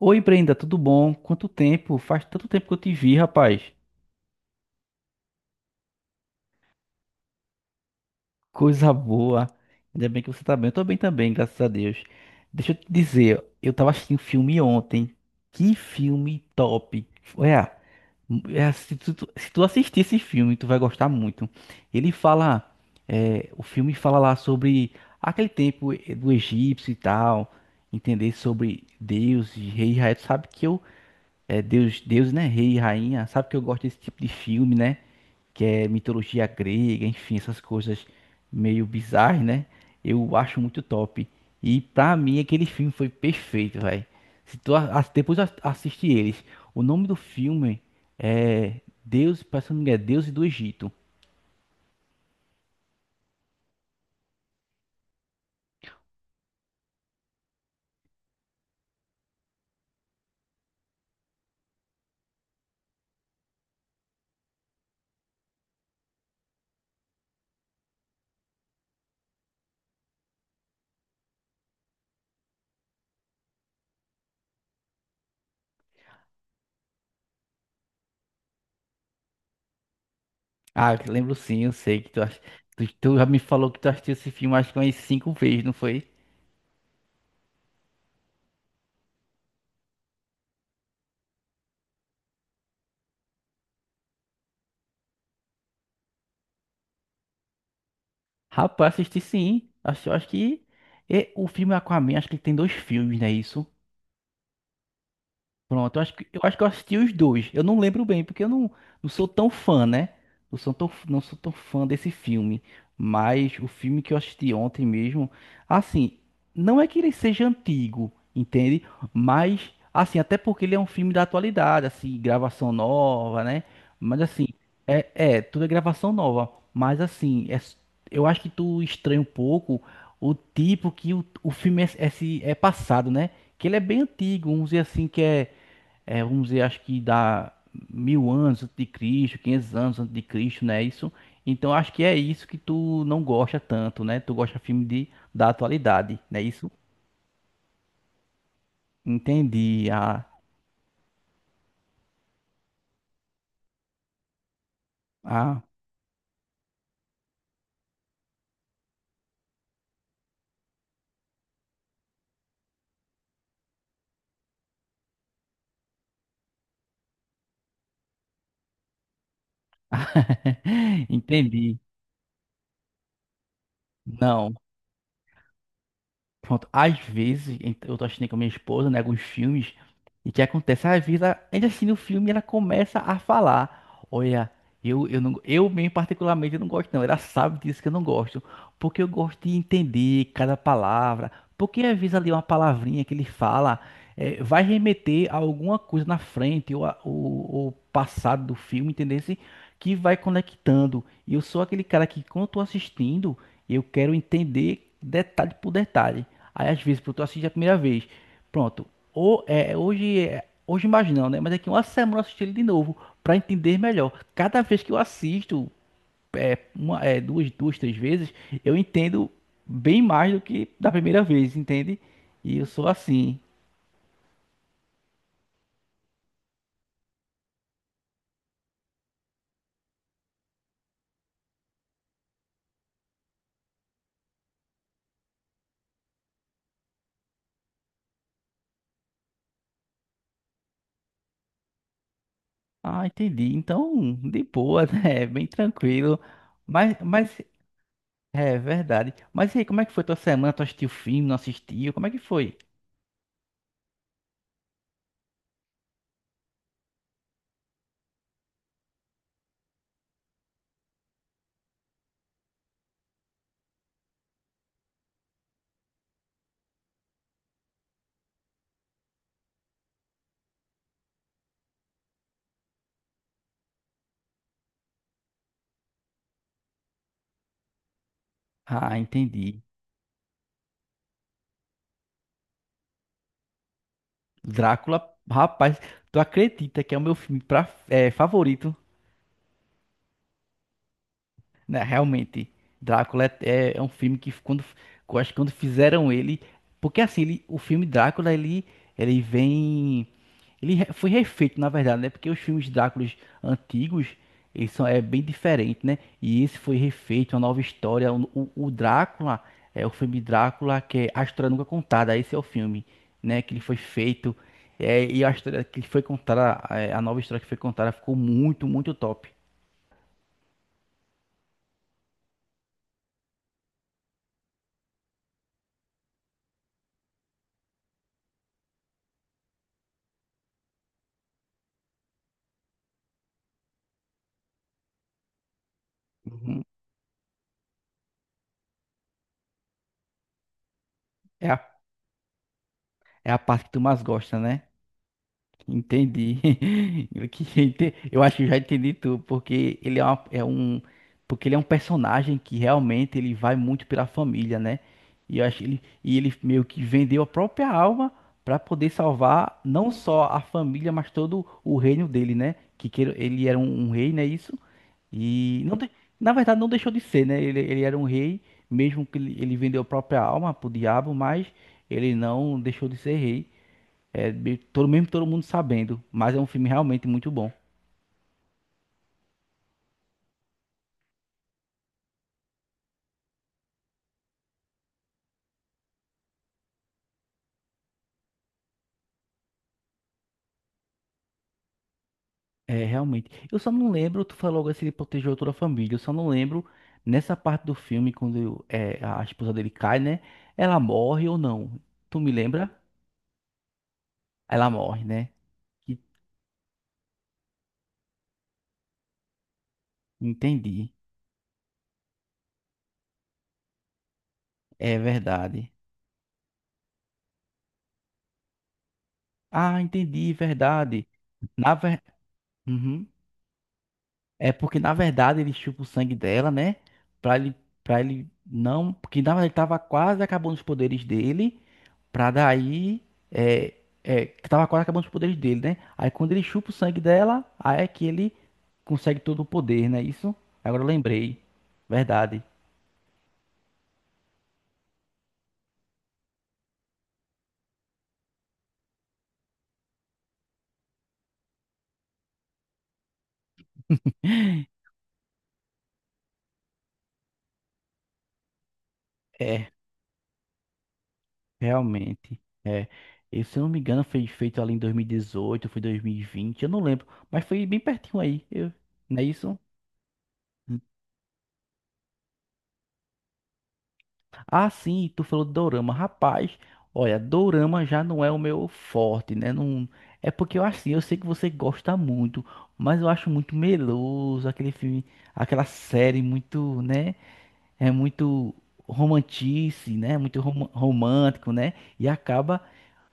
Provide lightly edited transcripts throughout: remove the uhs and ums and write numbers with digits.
Oi, Brenda, tudo bom? Quanto tempo? Faz tanto tempo que eu te vi, rapaz. Coisa boa. Ainda bem que você tá bem. Eu tô bem também, graças a Deus. Deixa eu te dizer, eu tava assistindo um filme ontem. Que filme top. Olha, se tu assistir esse filme, tu vai gostar muito. Ele fala, o filme fala lá sobre aquele tempo do egípcio e tal, entender sobre Deus e rei e rainha. Tu sabe que eu, é, Deus, Deus, né? Rei e rainha. Sabe que eu gosto desse tipo de filme, né? Que é mitologia grega, enfim, essas coisas meio bizarras, né? Eu acho muito top. E pra mim aquele filme foi perfeito, velho. Se tu a- depois a- assiste eles, o nome do filme é Deus, parece que o é Deus e do Egito. Ah, eu lembro sim, eu sei que tu já me falou que tu assistiu esse filme acho que umas cinco vezes, não foi? Rapaz, assisti sim. Acho que o filme Aquaman, acho que ele tem dois filmes, né? Isso. Pronto, eu acho que eu assisti os dois. Eu não lembro bem, porque eu não, não sou tão fã, né? Não sou tão fã desse filme. Mas o filme que eu assisti ontem mesmo, assim, não é que ele seja antigo, entende? Mas, assim, até porque ele é um filme da atualidade, assim, gravação nova, né? Mas assim, tudo é gravação nova. Mas assim, eu acho que tu estranha um pouco o tipo que o filme é passado, né? Que ele é bem antigo, vamos dizer assim, que é vamos dizer, acho que dá 1.000 anos antes de Cristo, 500 anos antes de Cristo, né? Isso. Então acho que é isso que tu não gosta tanto, né? Tu gosta de filme de, da atualidade, né? Isso? Entendi. Ah, ah. Entendi. Não. Pronto, às vezes eu tô assistindo com a minha esposa, né, alguns filmes, e o que acontece? Às vezes, ela, ainda assistindo o filme, e ela começa a falar: Olha, eu mesmo, particularmente, eu não gosto, não. Ela sabe disso que eu não gosto, porque eu gosto de entender cada palavra, porque às vezes ali uma palavrinha que ele fala vai remeter a alguma coisa na frente ou passado do filme, entendeu? Assim, que vai conectando. E eu sou aquele cara que, quando eu tô assistindo, eu quero entender detalhe por detalhe. Aí às vezes, pô, tu assiste a primeira vez. Pronto. Hoje, hoje mais não, né? Mas daqui uma semana eu assisti ele de novo pra entender melhor. Cada vez que eu assisto, duas, três vezes, eu entendo bem mais do que da primeira vez, entende? E eu sou assim. Ah, entendi. Então, de boa, né? Bem tranquilo. Mas, mas, é verdade. Mas e aí, como é que foi tua semana? Tu assistiu o filme, não assistiu? Como é que foi? Ah, entendi. Drácula, rapaz, tu acredita que é o meu filme favorito? Né, realmente, Drácula é um filme que quando, eu acho que quando fizeram ele, porque assim, o filme Drácula, ele vem, foi refeito, na verdade, né? Porque os filmes Dráculas antigos, eles são é bem diferente, né? E esse foi refeito, uma nova história. O Drácula é o filme Drácula que é a história nunca contada. Esse é o filme, né? Que ele foi feito e a história que foi contada, é, a nova história que foi contada ficou muito, muito top. Uhum. É a É a parte que tu mais gosta, né? Entendi. Eu acho que eu já entendi tudo, porque ele é, uma- é um, porque ele é um personagem que realmente ele vai muito pela família, né? E eu acho que ele, e ele meio que vendeu a própria alma para poder salvar não só a família, mas todo o reino dele, né? Ele era um rei, né? Isso. E não, de- na verdade não deixou de ser, né? Ele era um rei, mesmo que ele vendeu a própria alma pro diabo, mas ele não deixou de ser rei. Mesmo todo mundo sabendo, mas é um filme realmente muito bom. É, realmente. Eu só não lembro, tu falou logo assim, ele protegeu toda a família. Eu só não lembro nessa parte do filme, quando a esposa dele cai, né? Ela morre ou não? Tu me lembra? Ela morre, né? E- Entendi. É verdade. Ah, entendi, verdade. Na ver... Uhum. É porque, na verdade, ele chupa o sangue dela, né? Pra ele, pra ele não. Porque, na verdade, ele tava quase acabando os poderes dele. Pra daí. É, que tava quase acabando os poderes dele, né? Aí, quando ele chupa o sangue dela, aí é que ele consegue todo o poder, né? Isso? Agora eu lembrei. Verdade. É, realmente. É. Eu, se eu não me engano, foi feito ali em 2018, foi 2020, eu não lembro. Mas foi bem pertinho aí. Eu, não é isso? Ah, sim, tu falou de dorama. Rapaz, olha, dorama já não é o meu forte, né? Não... É porque eu assim, eu sei que você gosta muito, mas eu acho muito meloso aquele filme, aquela série muito, né? É muito romantice, né? Muito romântico, né? E acaba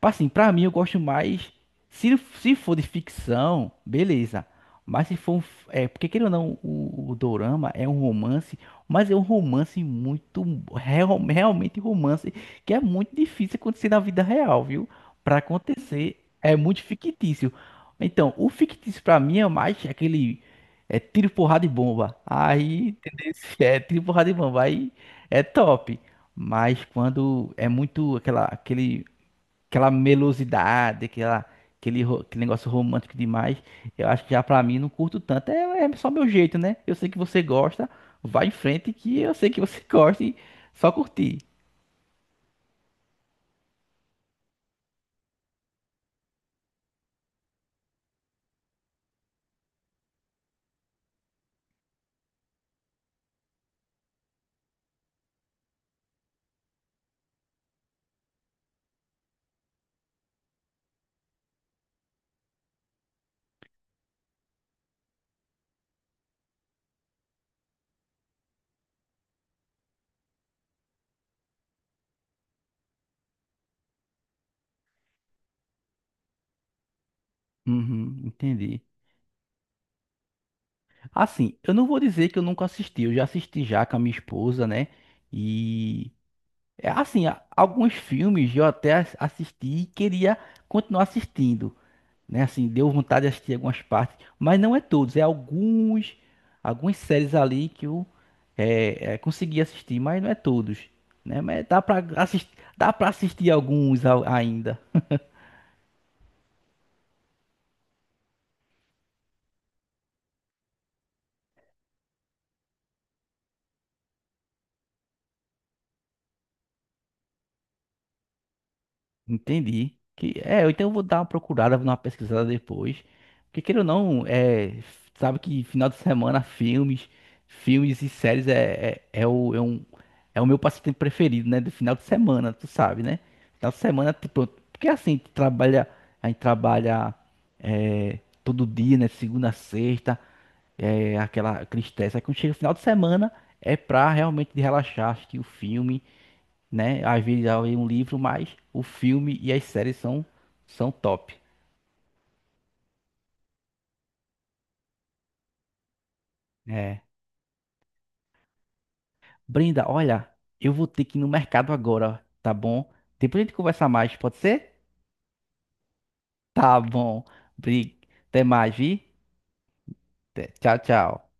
assim, pra mim eu gosto mais. Se for de ficção, beleza. Mas se for é, porque querendo ou não, o Dorama é um romance, mas é um romance muito. Realmente romance, que é muito difícil acontecer na vida real, viu? Pra acontecer, é muito fictício. Então, o fictício pra mim é mais aquele. É tiro, porrada e bomba. Aí, entendeu? É tiro, porrada e bomba. Aí é top. Mas quando é muito aquela melosidade, aquele negócio romântico demais. Eu acho que já pra mim não curto tanto. É, é só meu jeito, né? Eu sei que você gosta, vai em frente que eu sei que você gosta e só curtir. Uhum, entendi. Assim, eu não vou dizer que eu nunca assisti, eu já assisti já com a minha esposa, né? E é assim, alguns filmes eu até assisti e queria continuar assistindo, né? Assim, deu vontade de assistir algumas partes, mas não é todos, é alguns, algumas séries ali que eu consegui assistir, mas não é todos, né? Mas dá pra assistir, dá para assistir alguns ainda. Entendi. Eu então vou dar uma procurada, vou dar uma pesquisada depois. Porque queira ou não, sabe que final de semana filmes, filmes e séries é o meu passatempo preferido, né? Do final de semana, tu sabe, né? Final de semana, tipo, porque assim, tu trabalha, a gente trabalha é, todo dia, né? Segunda a sexta, aquela aquele estresse. Aí quando chega o final de semana, é pra realmente relaxar, assistir o filme, né? Às vezes eu leio um livro, mas o filme e as séries são, são top. É. Brenda, olha, eu vou ter que ir no mercado agora, tá bom? Depois a gente conversa mais, pode ser? Tá bom. Bri- Até mais, vi? Tchau, tchau.